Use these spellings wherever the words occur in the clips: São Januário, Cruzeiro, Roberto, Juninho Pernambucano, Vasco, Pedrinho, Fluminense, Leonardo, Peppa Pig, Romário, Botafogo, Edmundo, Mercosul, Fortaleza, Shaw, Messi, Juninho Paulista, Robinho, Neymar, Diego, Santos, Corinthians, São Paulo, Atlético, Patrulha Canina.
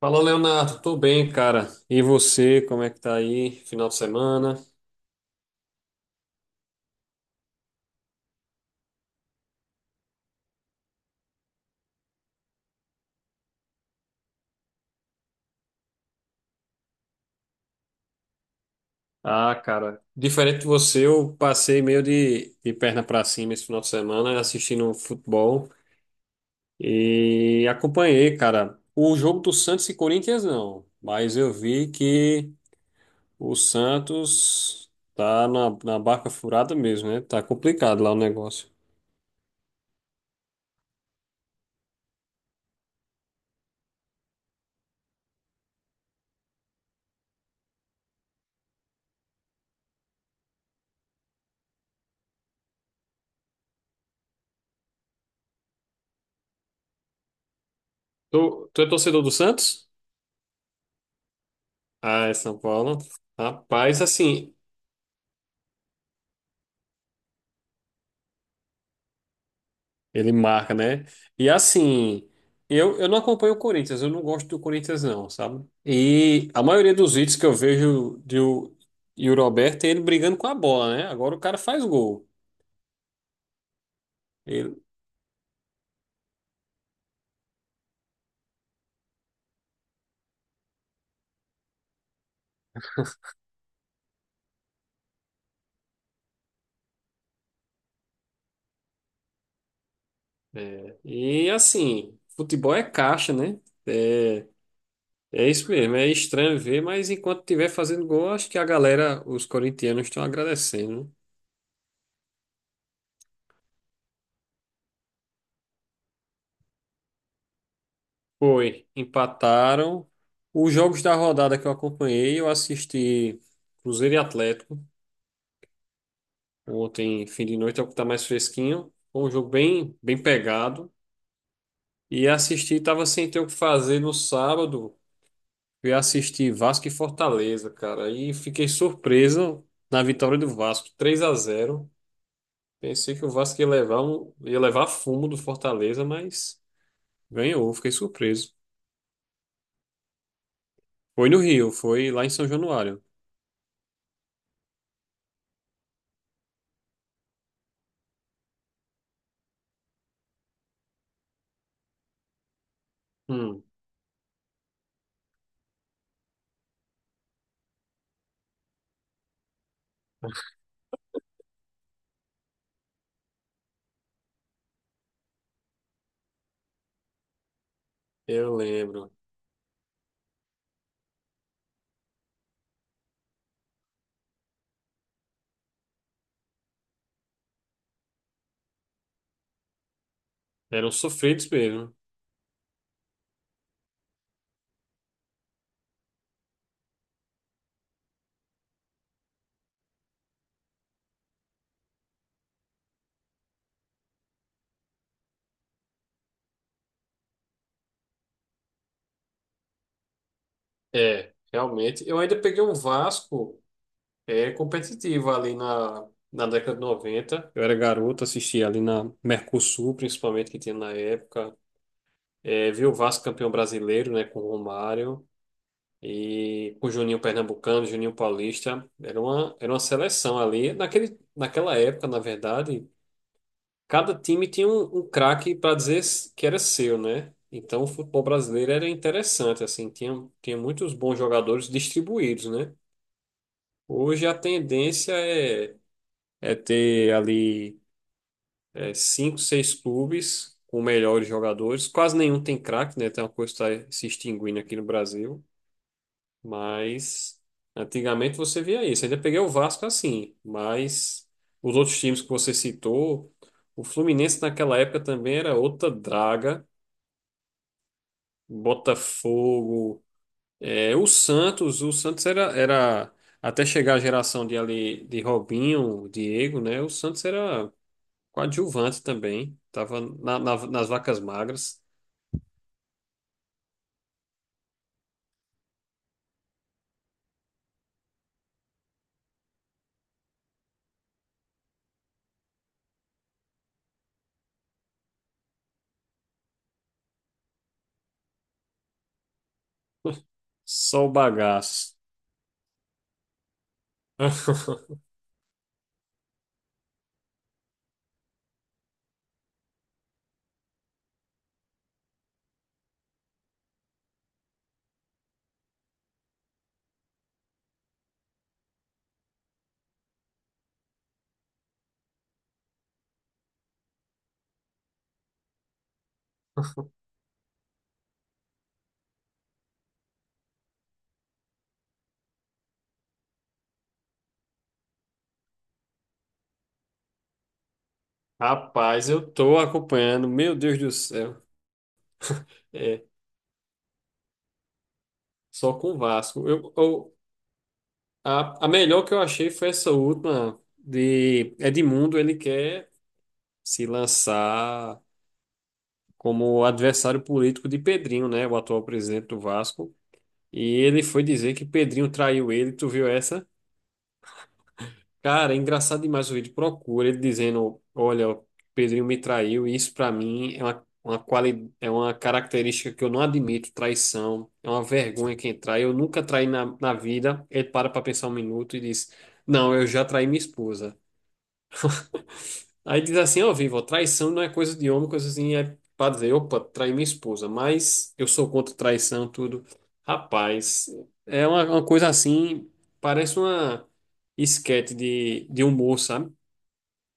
Fala, Leonardo. Tô bem, cara. E você, como é que tá aí? Final de semana? Ah, cara, diferente de você, eu passei meio de perna pra cima esse final de semana assistindo um futebol e acompanhei, cara. O jogo do Santos e Corinthians não, mas eu vi que o Santos tá na barca furada mesmo, né? Tá complicado lá o negócio. Tu é torcedor do Santos? Ah, é São Paulo. Rapaz, assim, ele marca, né? E assim, eu não acompanho o Corinthians, eu não gosto do Corinthians, não, sabe? E a maioria dos vídeos que eu vejo e o Roberto é ele brigando com a bola, né? Agora o cara faz gol. Ele, e assim, futebol é caixa, né? É, é isso mesmo, é estranho ver, mas enquanto estiver fazendo gol, acho que a galera, os corintianos, estão agradecendo, né? Foi, empataram. Os jogos da rodada que eu acompanhei, eu assisti Cruzeiro e Atlético. Ontem, fim de noite, é o que tá mais fresquinho. Foi um jogo bem, bem pegado. E assisti, tava sem ter o que fazer no sábado. Fui assistir Vasco e Fortaleza, cara. E fiquei surpreso na vitória do Vasco, 3-0. Pensei que o Vasco ia levar, ia levar fumo do Fortaleza, mas ganhou, fiquei surpreso. Foi no Rio, foi lá em São Januário. Hum, eu lembro. Eram sofridos mesmo. É, realmente. Eu ainda peguei um Vasco. É competitivo ali na década de 90. Eu era garoto, assistia ali na Mercosul, principalmente, que tinha na época. É, vi o Vasco campeão brasileiro, né, com o Romário e com o Juninho Pernambucano, Juninho Paulista. Era uma seleção ali. Naquela época, na verdade, cada time tinha um craque para dizer que era seu, né? Então, o futebol brasileiro era interessante, assim, tinha muitos bons jogadores distribuídos, né? Hoje a tendência é ter ali cinco, seis clubes com melhores jogadores. Quase nenhum tem craque, né? Tem uma coisa que está se extinguindo aqui no Brasil. Mas antigamente você via isso. Ainda peguei o Vasco assim, mas os outros times que você citou, o Fluminense naquela época também era outra draga. Botafogo, o Santos, o Santos era até chegar a geração de ali de Robinho, Diego, né? O Santos era coadjuvante também. Tava nas vacas magras. Só o bagaço. Rapaz, eu tô acompanhando. Meu Deus do céu. É, só com o Vasco. A melhor que eu achei foi essa última de Edmundo. Ele quer se lançar como adversário político de Pedrinho, né? O atual presidente do Vasco. E ele foi dizer que Pedrinho traiu ele. Tu viu essa? Cara, é engraçado demais o vídeo. Procura ele dizendo: olha, o Pedrinho me traiu, e isso pra mim é é uma característica que eu não admito, traição. É uma vergonha quem trai. Eu nunca traí na vida. Ele para pra pensar um minuto e diz: não, eu já traí minha esposa. Aí diz assim: ó, Vivo, traição não é coisa de homem, coisa assim. É pra dizer: opa, traí minha esposa, mas eu sou contra traição, tudo. Rapaz, é uma coisa assim, parece uma esquete de humor, sabe?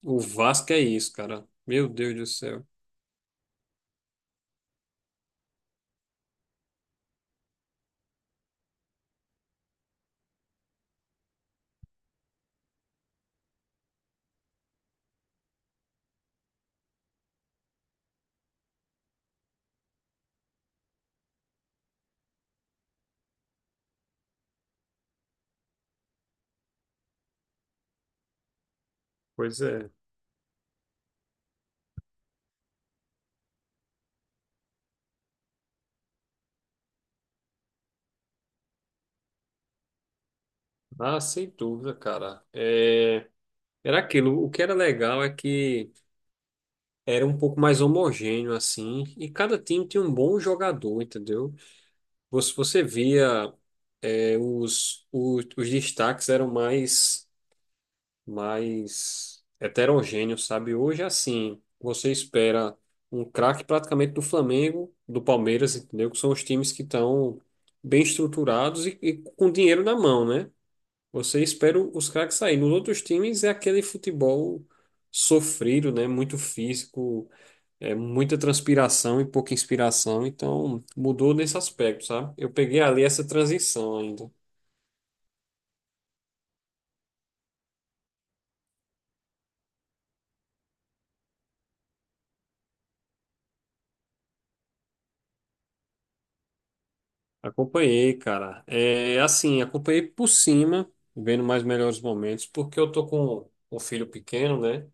O Vasco é isso, cara. Meu Deus do céu. Pois é. Ah, sem dúvida, cara. É, era aquilo. O que era legal é que era um pouco mais homogêneo, assim, e cada time tinha um bom jogador, entendeu? Você via, os destaques eram mais heterogêneo, sabe? Hoje, é assim, você espera um craque praticamente do Flamengo, do Palmeiras, entendeu? Que são os times que estão bem estruturados e com dinheiro na mão, né? Você espera os craques sair. Nos outros times é aquele futebol sofrido, né? Muito físico, é muita transpiração e pouca inspiração. Então, mudou nesse aspecto, sabe? Eu peguei ali essa transição ainda. Acompanhei, cara. É assim, acompanhei por cima, vendo mais melhores momentos, porque eu tô com um filho pequeno, né?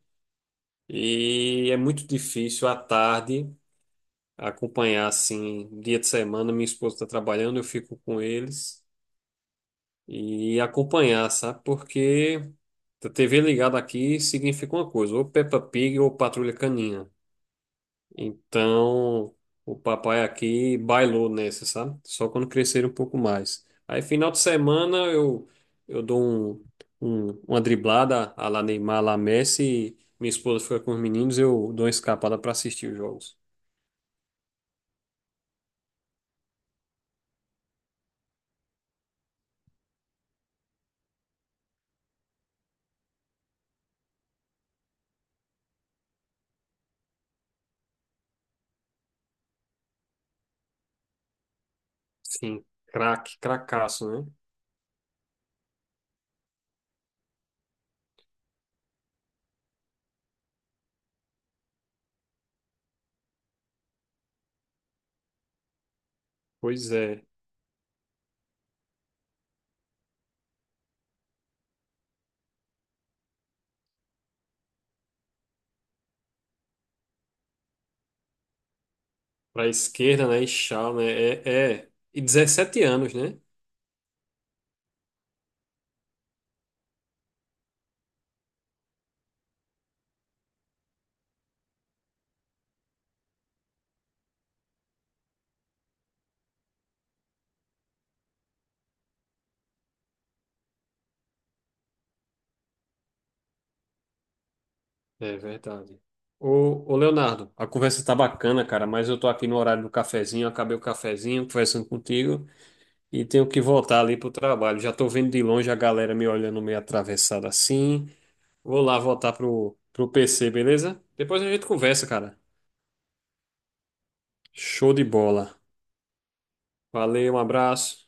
E é muito difícil à tarde acompanhar assim, dia de semana, minha esposa está trabalhando, eu fico com eles e acompanhar, sabe? Porque a TV ligada aqui significa uma coisa, ou Peppa Pig ou Patrulha Canina. Então, o papai aqui bailou nessa, sabe? Só quando crescer um pouco mais. Aí, final de semana, eu dou uma driblada à la Neymar, lá Messi. E minha esposa fica com os meninos, eu dou uma escapada para assistir os jogos. Sim, craque, cracaço, né? Pois é. Para a esquerda, né? E Shaw, né? É, é. E 17 anos, né? É verdade. Ô Leonardo, a conversa tá bacana, cara, mas eu tô aqui no horário do cafezinho, acabei o cafezinho, conversando contigo e tenho que voltar ali pro trabalho. Já tô vendo de longe a galera me olhando meio atravessada assim. Vou lá voltar pro PC, beleza? Depois a gente conversa, cara. Show de bola. Valeu, um abraço.